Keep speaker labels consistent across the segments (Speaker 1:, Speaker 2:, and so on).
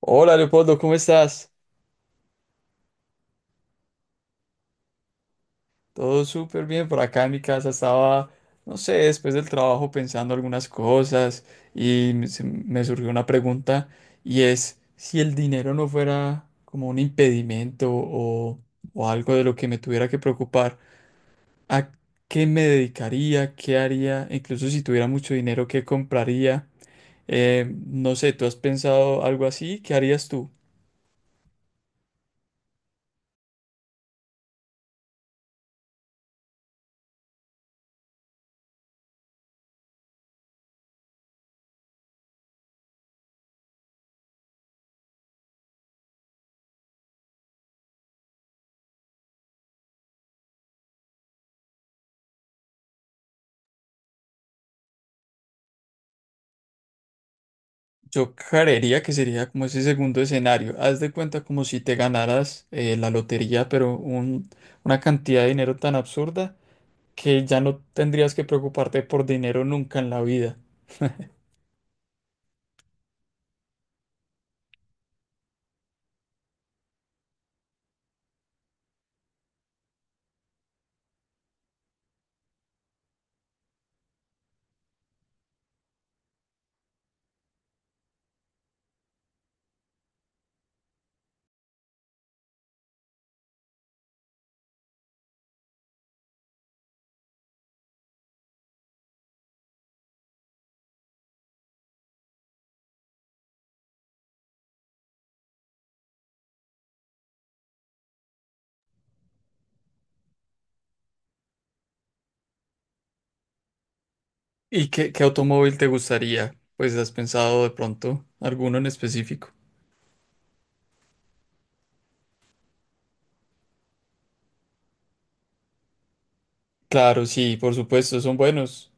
Speaker 1: Hola Leopoldo, ¿cómo estás? Todo súper bien por acá en mi casa. Estaba, no sé, después del trabajo pensando algunas cosas y me surgió una pregunta, y es si el dinero no fuera como un impedimento o algo de lo que me tuviera que preocupar, ¿a qué me dedicaría? ¿Qué haría? Incluso si tuviera mucho dinero, ¿qué compraría? No sé, ¿tú has pensado algo así? ¿Qué harías tú? Yo creería que sería como ese segundo escenario. Haz de cuenta como si te ganaras la lotería, pero una cantidad de dinero tan absurda que ya no tendrías que preocuparte por dinero nunca en la vida. ¿Y qué automóvil te gustaría? Pues has pensado de pronto alguno en específico. Claro, sí, por supuesto, son buenos.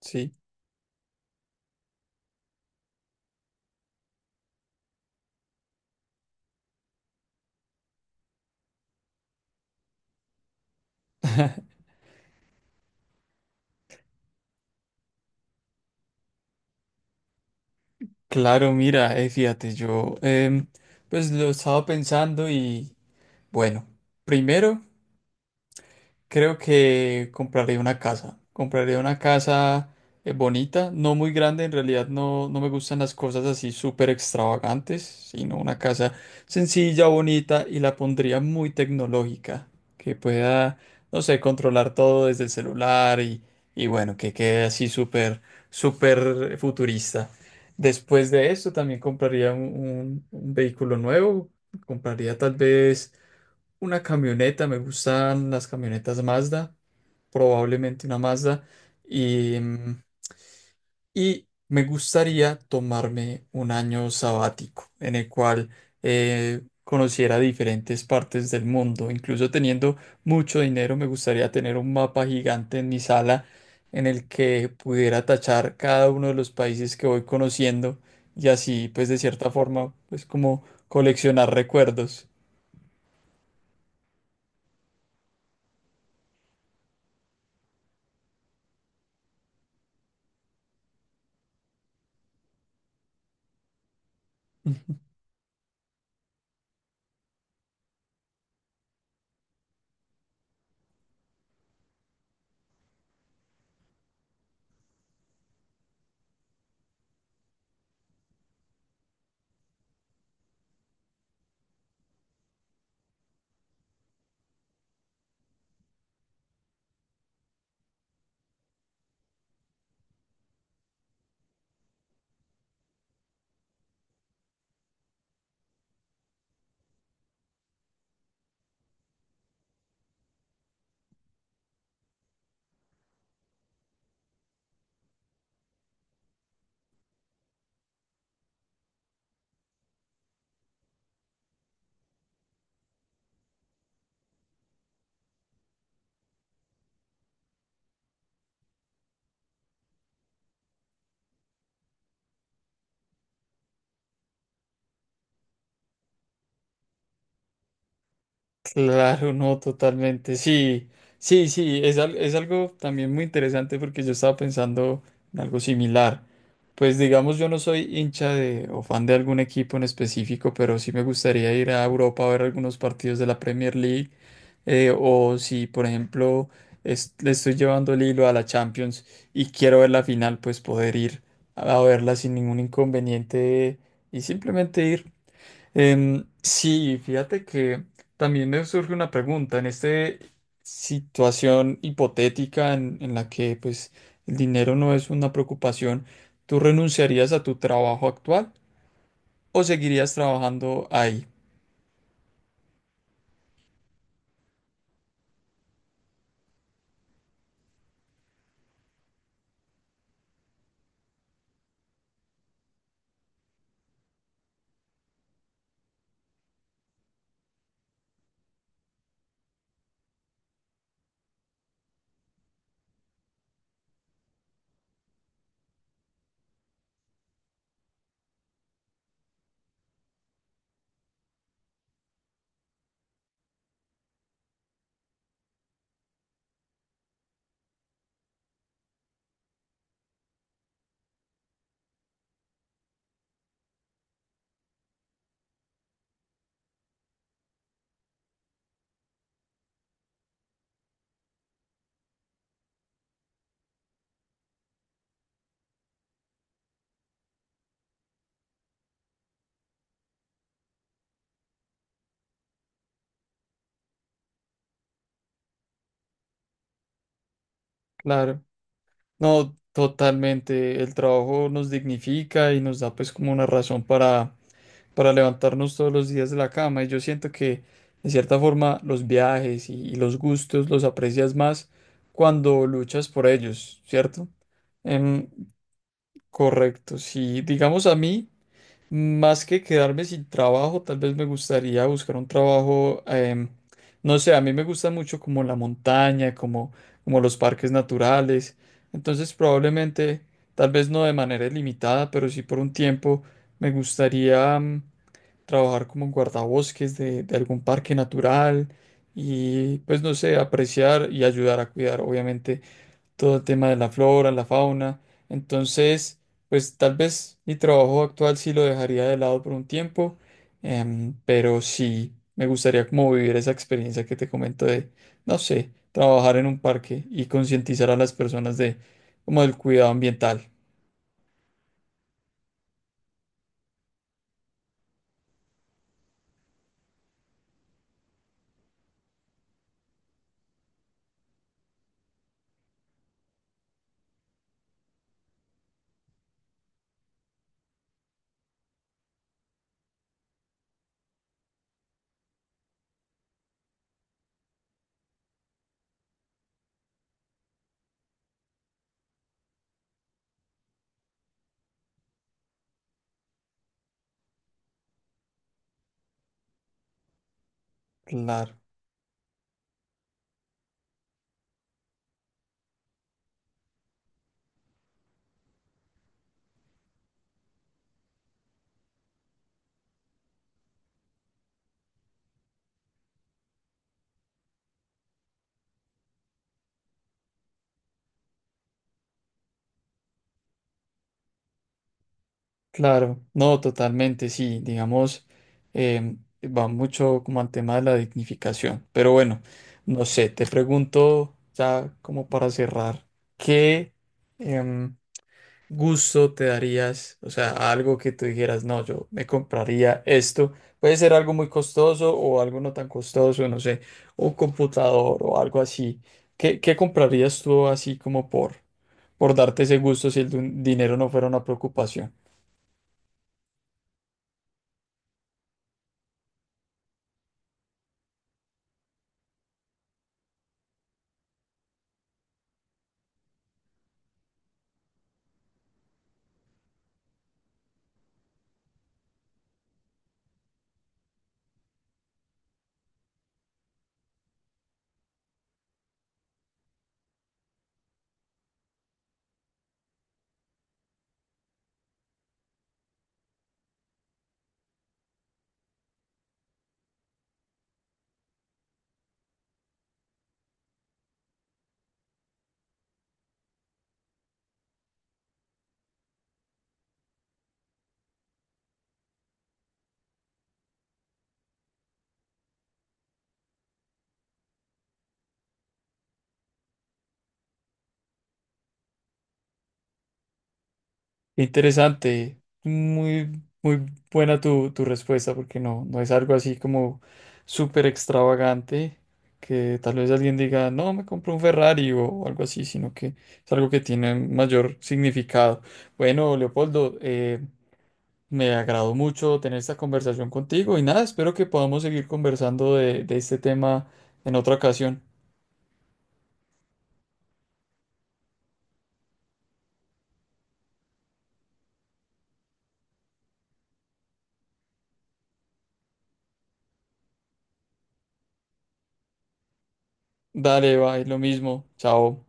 Speaker 1: Sí. Claro, mira, fíjate, yo pues lo estaba pensando y bueno, primero. Creo que compraré una casa. Compraré una casa bonita, no muy grande. En realidad no me gustan las cosas así súper extravagantes, sino una casa sencilla, bonita, y la pondría muy tecnológica, que pueda, no sé, controlar todo desde el celular y bueno, que quede así súper futurista. Después de eso también compraría un vehículo nuevo. Compraría tal vez una camioneta, me gustan las camionetas Mazda, probablemente una Mazda, y, mm, y me gustaría tomarme un año sabático en el cual conociera diferentes partes del mundo. Incluso teniendo mucho dinero, me gustaría tener un mapa gigante en mi sala en el que pudiera tachar cada uno de los países que voy conociendo, y así, pues de cierta forma, pues como coleccionar recuerdos. Claro, no, totalmente. Sí, sí, sí, es algo también muy interesante porque yo estaba pensando en algo similar. Pues digamos, yo no soy hincha de, o fan de algún equipo en específico, pero sí me gustaría ir a Europa a ver algunos partidos de la Premier League. O si, por ejemplo, le estoy llevando el hilo a la Champions y quiero ver la final, pues poder ir a verla sin ningún inconveniente y simplemente ir. Sí, fíjate que también me surge una pregunta en esta situación hipotética en la que pues el dinero no es una preocupación, ¿tú renunciarías a tu trabajo actual o seguirías trabajando ahí? Claro, no, totalmente. El trabajo nos dignifica y nos da pues como una razón para levantarnos todos los días de la cama. Y yo siento que, de cierta forma, los viajes y los gustos los aprecias más cuando luchas por ellos, ¿cierto? Em, Correcto. Si, digamos, a mí, más que quedarme sin trabajo, tal vez me gustaría buscar un trabajo, no sé, a mí me gusta mucho como la montaña, como, como los parques naturales. Entonces, probablemente, tal vez no de manera ilimitada, pero sí por un tiempo, me gustaría... mm, trabajar como en guardabosques de algún parque natural, y pues no sé, apreciar y ayudar a cuidar obviamente todo el tema de la flora, la fauna. Entonces, pues tal vez mi trabajo actual sí lo dejaría de lado por un tiempo, pero sí me gustaría como vivir esa experiencia que te comento de, no sé, trabajar en un parque y concientizar a las personas de como del cuidado ambiental. Claro. Claro, no, totalmente, sí, digamos, va mucho como al tema de la dignificación, pero bueno, no sé, te pregunto ya como para cerrar, ¿qué em, gusto te darías? O sea, algo que tú dijeras, no, yo me compraría esto, puede ser algo muy costoso o algo no tan costoso, no sé, un computador o algo así, ¿qué comprarías tú así como por darte ese gusto si el dinero no fuera una preocupación? Interesante, muy buena tu, tu respuesta, porque no es algo así como súper extravagante, que tal vez alguien diga, no, me compro un Ferrari o algo así, sino que es algo que tiene mayor significado. Bueno, Leopoldo, me agradó mucho tener esta conversación contigo y nada, espero que podamos seguir conversando de este tema en otra ocasión. Dale, va, es lo mismo, chao.